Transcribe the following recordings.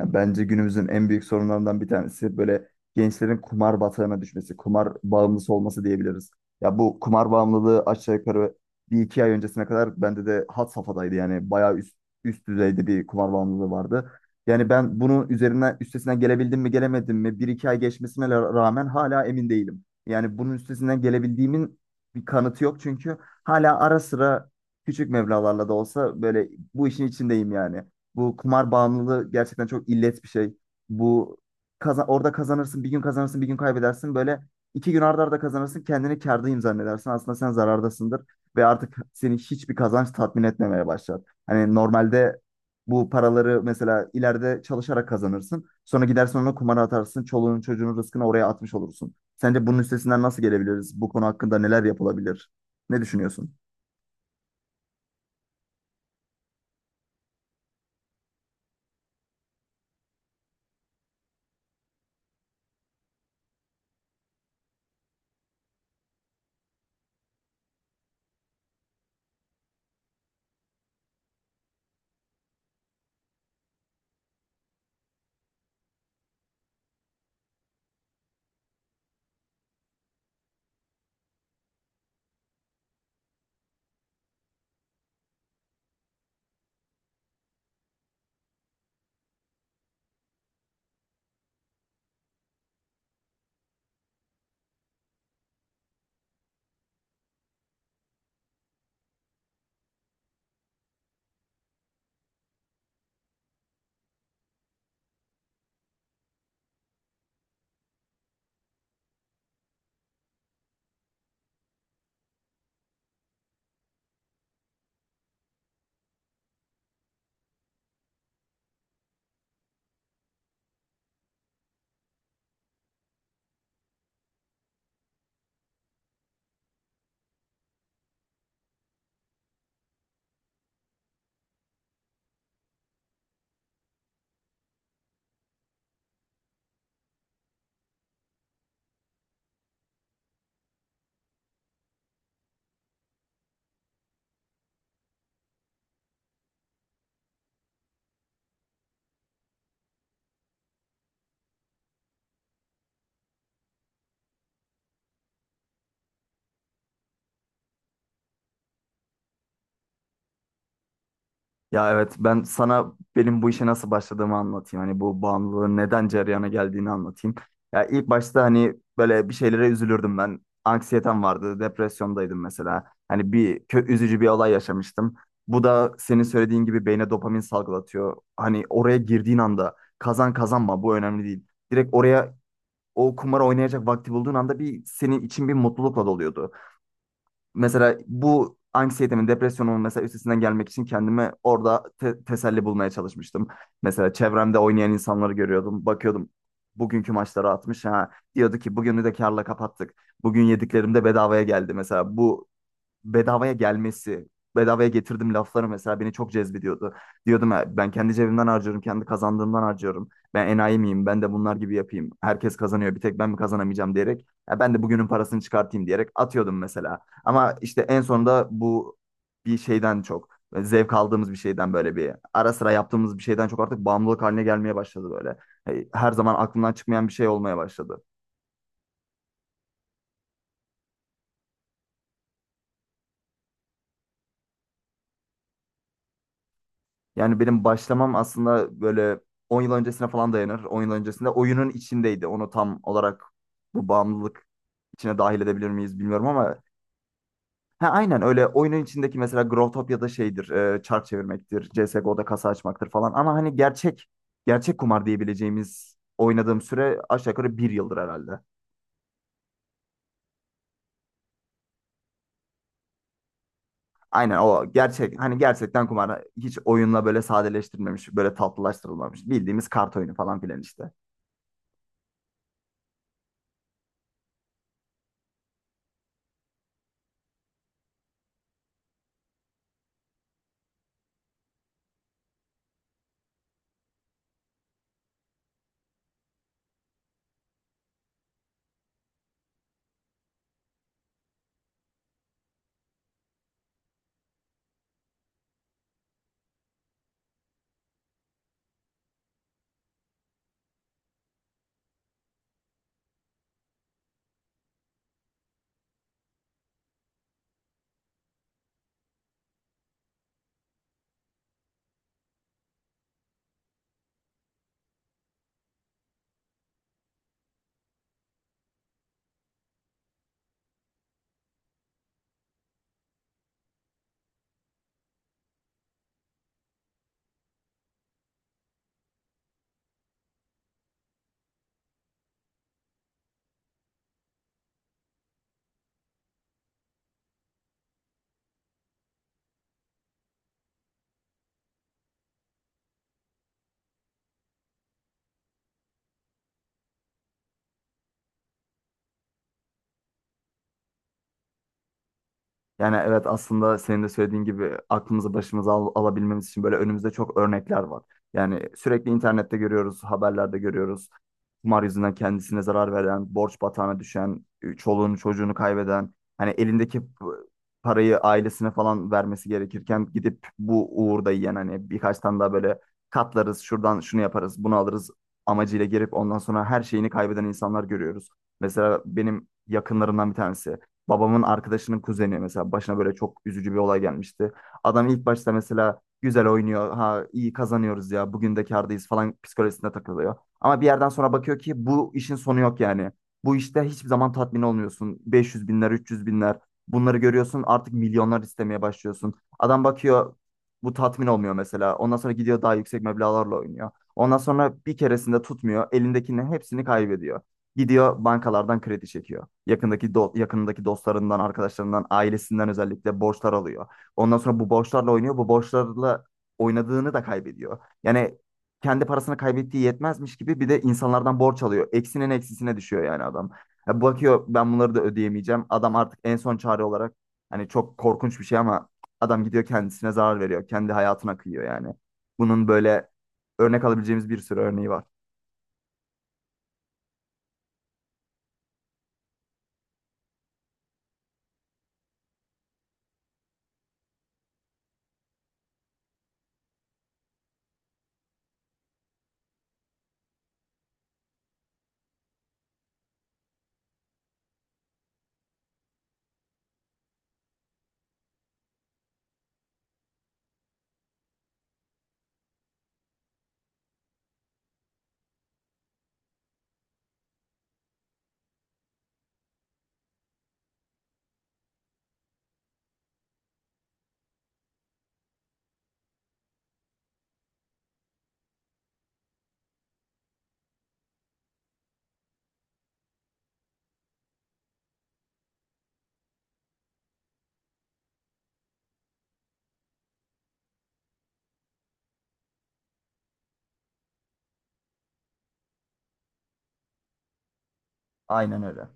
Ya bence günümüzün en büyük sorunlarından bir tanesi böyle gençlerin kumar batağına düşmesi, kumar bağımlısı olması diyebiliriz. Ya bu kumar bağımlılığı aşağı yukarı bir iki ay öncesine kadar bende de had safhadaydı. Yani bayağı üst düzeyde bir kumar bağımlılığı vardı. Yani ben bunun üzerinden üstesinden gelebildim mi gelemedim mi bir iki ay geçmesine rağmen hala emin değilim. Yani bunun üstesinden gelebildiğimin bir kanıtı yok çünkü hala ara sıra küçük meblağlarla da olsa böyle bu işin içindeyim yani. Bu kumar bağımlılığı gerçekten çok illet bir şey. Bu Orada kazanırsın, bir gün kazanırsın, bir gün kaybedersin. Böyle iki gün arda arda kazanırsın, kendini kârdayım zannedersin. Aslında sen zarardasındır ve artık seni hiçbir kazanç tatmin etmemeye başlar. Hani normalde bu paraları mesela ileride çalışarak kazanırsın. Sonra gidersin onu kumara atarsın. Çoluğunun çocuğunun rızkını oraya atmış olursun. Sence bunun üstesinden nasıl gelebiliriz? Bu konu hakkında neler yapılabilir? Ne düşünüyorsun? Ya evet, ben sana benim bu işe nasıl başladığımı anlatayım. Hani bu bağımlılığın neden cereyana geldiğini anlatayım. Ya ilk başta hani böyle bir şeylere üzülürdüm ben. Anksiyetem vardı, depresyondaydım mesela. Hani bir kö üzücü bir olay yaşamıştım. Bu da senin söylediğin gibi beyne dopamin salgılatıyor. Hani oraya girdiğin anda kazan kazanma bu önemli değil. Direkt oraya o kumarı oynayacak vakti bulduğun anda bir senin için bir mutlulukla doluyordu. Mesela bu anksiyetemin, depresyonumun mesela üstesinden gelmek için kendime orada teselli bulmaya çalışmıştım. Mesela çevremde oynayan insanları görüyordum. Bakıyordum bugünkü maçları atmış. Ha, diyordu ki bugünü de karla kapattık. Bugün yediklerim de bedavaya geldi. Mesela bu bedavaya gelmesi, bedavaya getirdim lafları mesela beni çok cezbediyordu. Diyordum: "Ha, ben kendi cebimden harcıyorum, kendi kazandığımdan harcıyorum. Ben enayi miyim? Ben de bunlar gibi yapayım. Herkes kazanıyor, bir tek ben mi kazanamayacağım?" diyerek. "Ya ben de bugünün parasını çıkartayım" diyerek atıyordum mesela. Ama işte en sonunda bu bir şeyden çok zevk aldığımız bir şeyden, böyle bir ara sıra yaptığımız bir şeyden çok artık bağımlılık haline gelmeye başladı böyle. Hey, her zaman aklımdan çıkmayan bir şey olmaya başladı. Yani benim başlamam aslında böyle 10 yıl öncesine falan dayanır. 10 yıl öncesinde oyunun içindeydi. Onu tam olarak bu bağımlılık içine dahil edebilir miyiz bilmiyorum ama ha, aynen öyle, oyunun içindeki mesela Growtopia'da şeydir, çark çevirmektir, CSGO'da kasa açmaktır falan, ama hani gerçek kumar diyebileceğimiz oynadığım süre aşağı yukarı 1 yıldır herhalde. Aynen o gerçek, hani gerçekten kumar, hiç oyunla böyle sadeleştirilmemiş, böyle tatlılaştırılmamış. Bildiğimiz kart oyunu falan filan işte. Yani evet, aslında senin de söylediğin gibi aklımızı başımıza alabilmemiz için böyle önümüzde çok örnekler var. Yani sürekli internette görüyoruz, haberlerde görüyoruz. Kumar yüzünden kendisine zarar veren, borç batağına düşen, çoluğunu çocuğunu kaybeden, hani elindeki parayı ailesine falan vermesi gerekirken gidip bu uğurda yiyen, hani birkaç tane daha böyle katlarız, şuradan şunu yaparız, bunu alırız amacıyla girip ondan sonra her şeyini kaybeden insanlar görüyoruz. Mesela benim yakınlarımdan bir tanesi. Babamın arkadaşının kuzeni mesela, başına böyle çok üzücü bir olay gelmişti. Adam ilk başta mesela güzel oynuyor. Ha, iyi kazanıyoruz ya. Bugün de kârdayız falan psikolojisinde takılıyor. Ama bir yerden sonra bakıyor ki bu işin sonu yok yani. Bu işte hiçbir zaman tatmin olmuyorsun. 500 binler, 300 binler, bunları görüyorsun, artık milyonlar istemeye başlıyorsun. Adam bakıyor bu tatmin olmuyor mesela. Ondan sonra gidiyor daha yüksek meblağlarla oynuyor. Ondan sonra bir keresinde tutmuyor. Elindekinin hepsini kaybediyor. Gidiyor bankalardan kredi çekiyor. Yakındaki dostlarından, arkadaşlarından, ailesinden özellikle borçlar alıyor. Ondan sonra bu borçlarla oynuyor. Bu borçlarla oynadığını da kaybediyor. Yani kendi parasını kaybettiği yetmezmiş gibi bir de insanlardan borç alıyor. Eksinin eksisine düşüyor yani adam. Ya bakıyor, ben bunları da ödeyemeyeceğim. Adam artık en son çare olarak, hani çok korkunç bir şey ama, adam gidiyor kendisine zarar veriyor. Kendi hayatına kıyıyor yani. Bunun böyle örnek alabileceğimiz bir sürü örneği var. Aynen öyle.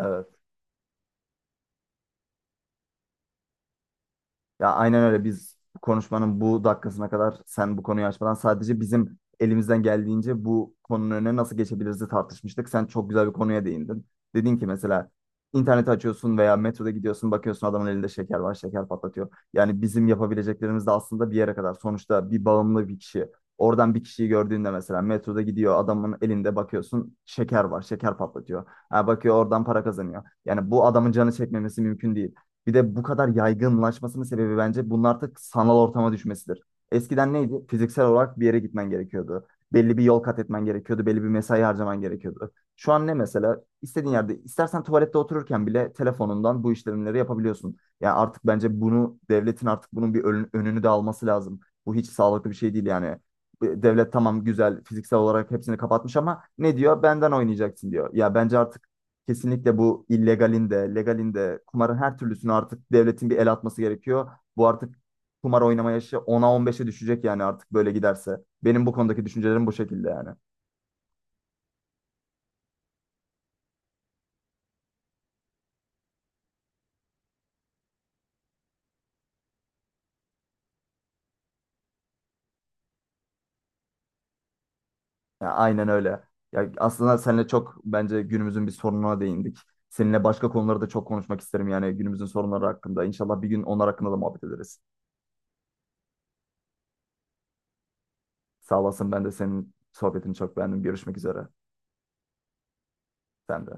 Evet. Ya aynen öyle, biz konuşmanın bu dakikasına kadar sen bu konuyu açmadan sadece bizim elimizden geldiğince bu konunun önüne nasıl geçebiliriz tartışmıştık. Sen çok güzel bir konuya değindin. Dedin ki mesela interneti açıyorsun veya metroda gidiyorsun, bakıyorsun adamın elinde şeker var, şeker patlatıyor. Yani bizim yapabileceklerimiz de aslında bir yere kadar. Sonuçta bir bağımlı bir kişi oradan bir kişiyi gördüğünde, mesela metroda gidiyor, adamın elinde bakıyorsun şeker var, şeker patlatıyor. Ha, bakıyor oradan para kazanıyor. Yani bu adamın canı çekmemesi mümkün değil. Bir de bu kadar yaygınlaşmasının sebebi bence bunun artık sanal ortama düşmesidir. Eskiden neydi? Fiziksel olarak bir yere gitmen gerekiyordu. Belli bir yol kat etmen gerekiyordu. Belli bir mesai harcaman gerekiyordu. Şu an ne mesela? İstediğin yerde, istersen tuvalette otururken bile telefonundan bu işlemleri yapabiliyorsun. Yani artık bence bunu, devletin artık bunun bir önünü de alması lazım. Bu hiç sağlıklı bir şey değil yani. Devlet tamam, güzel, fiziksel olarak hepsini kapatmış ama ne diyor? Benden oynayacaksın diyor. Ya bence artık kesinlikle bu illegalin de, legalin de, kumarın her türlüsünü artık devletin bir el atması gerekiyor. Bu artık kumar oynama yaşı 10'a 15'e düşecek yani artık böyle giderse. Benim bu konudaki düşüncelerim bu şekilde yani. Ya aynen öyle. Ya aslında seninle çok bence günümüzün bir sorununa değindik. Seninle başka konuları da çok konuşmak isterim yani günümüzün sorunları hakkında. İnşallah bir gün onlar hakkında da muhabbet ederiz. Sağ olasın, ben de senin sohbetini çok beğendim. Görüşmek üzere. Sen de.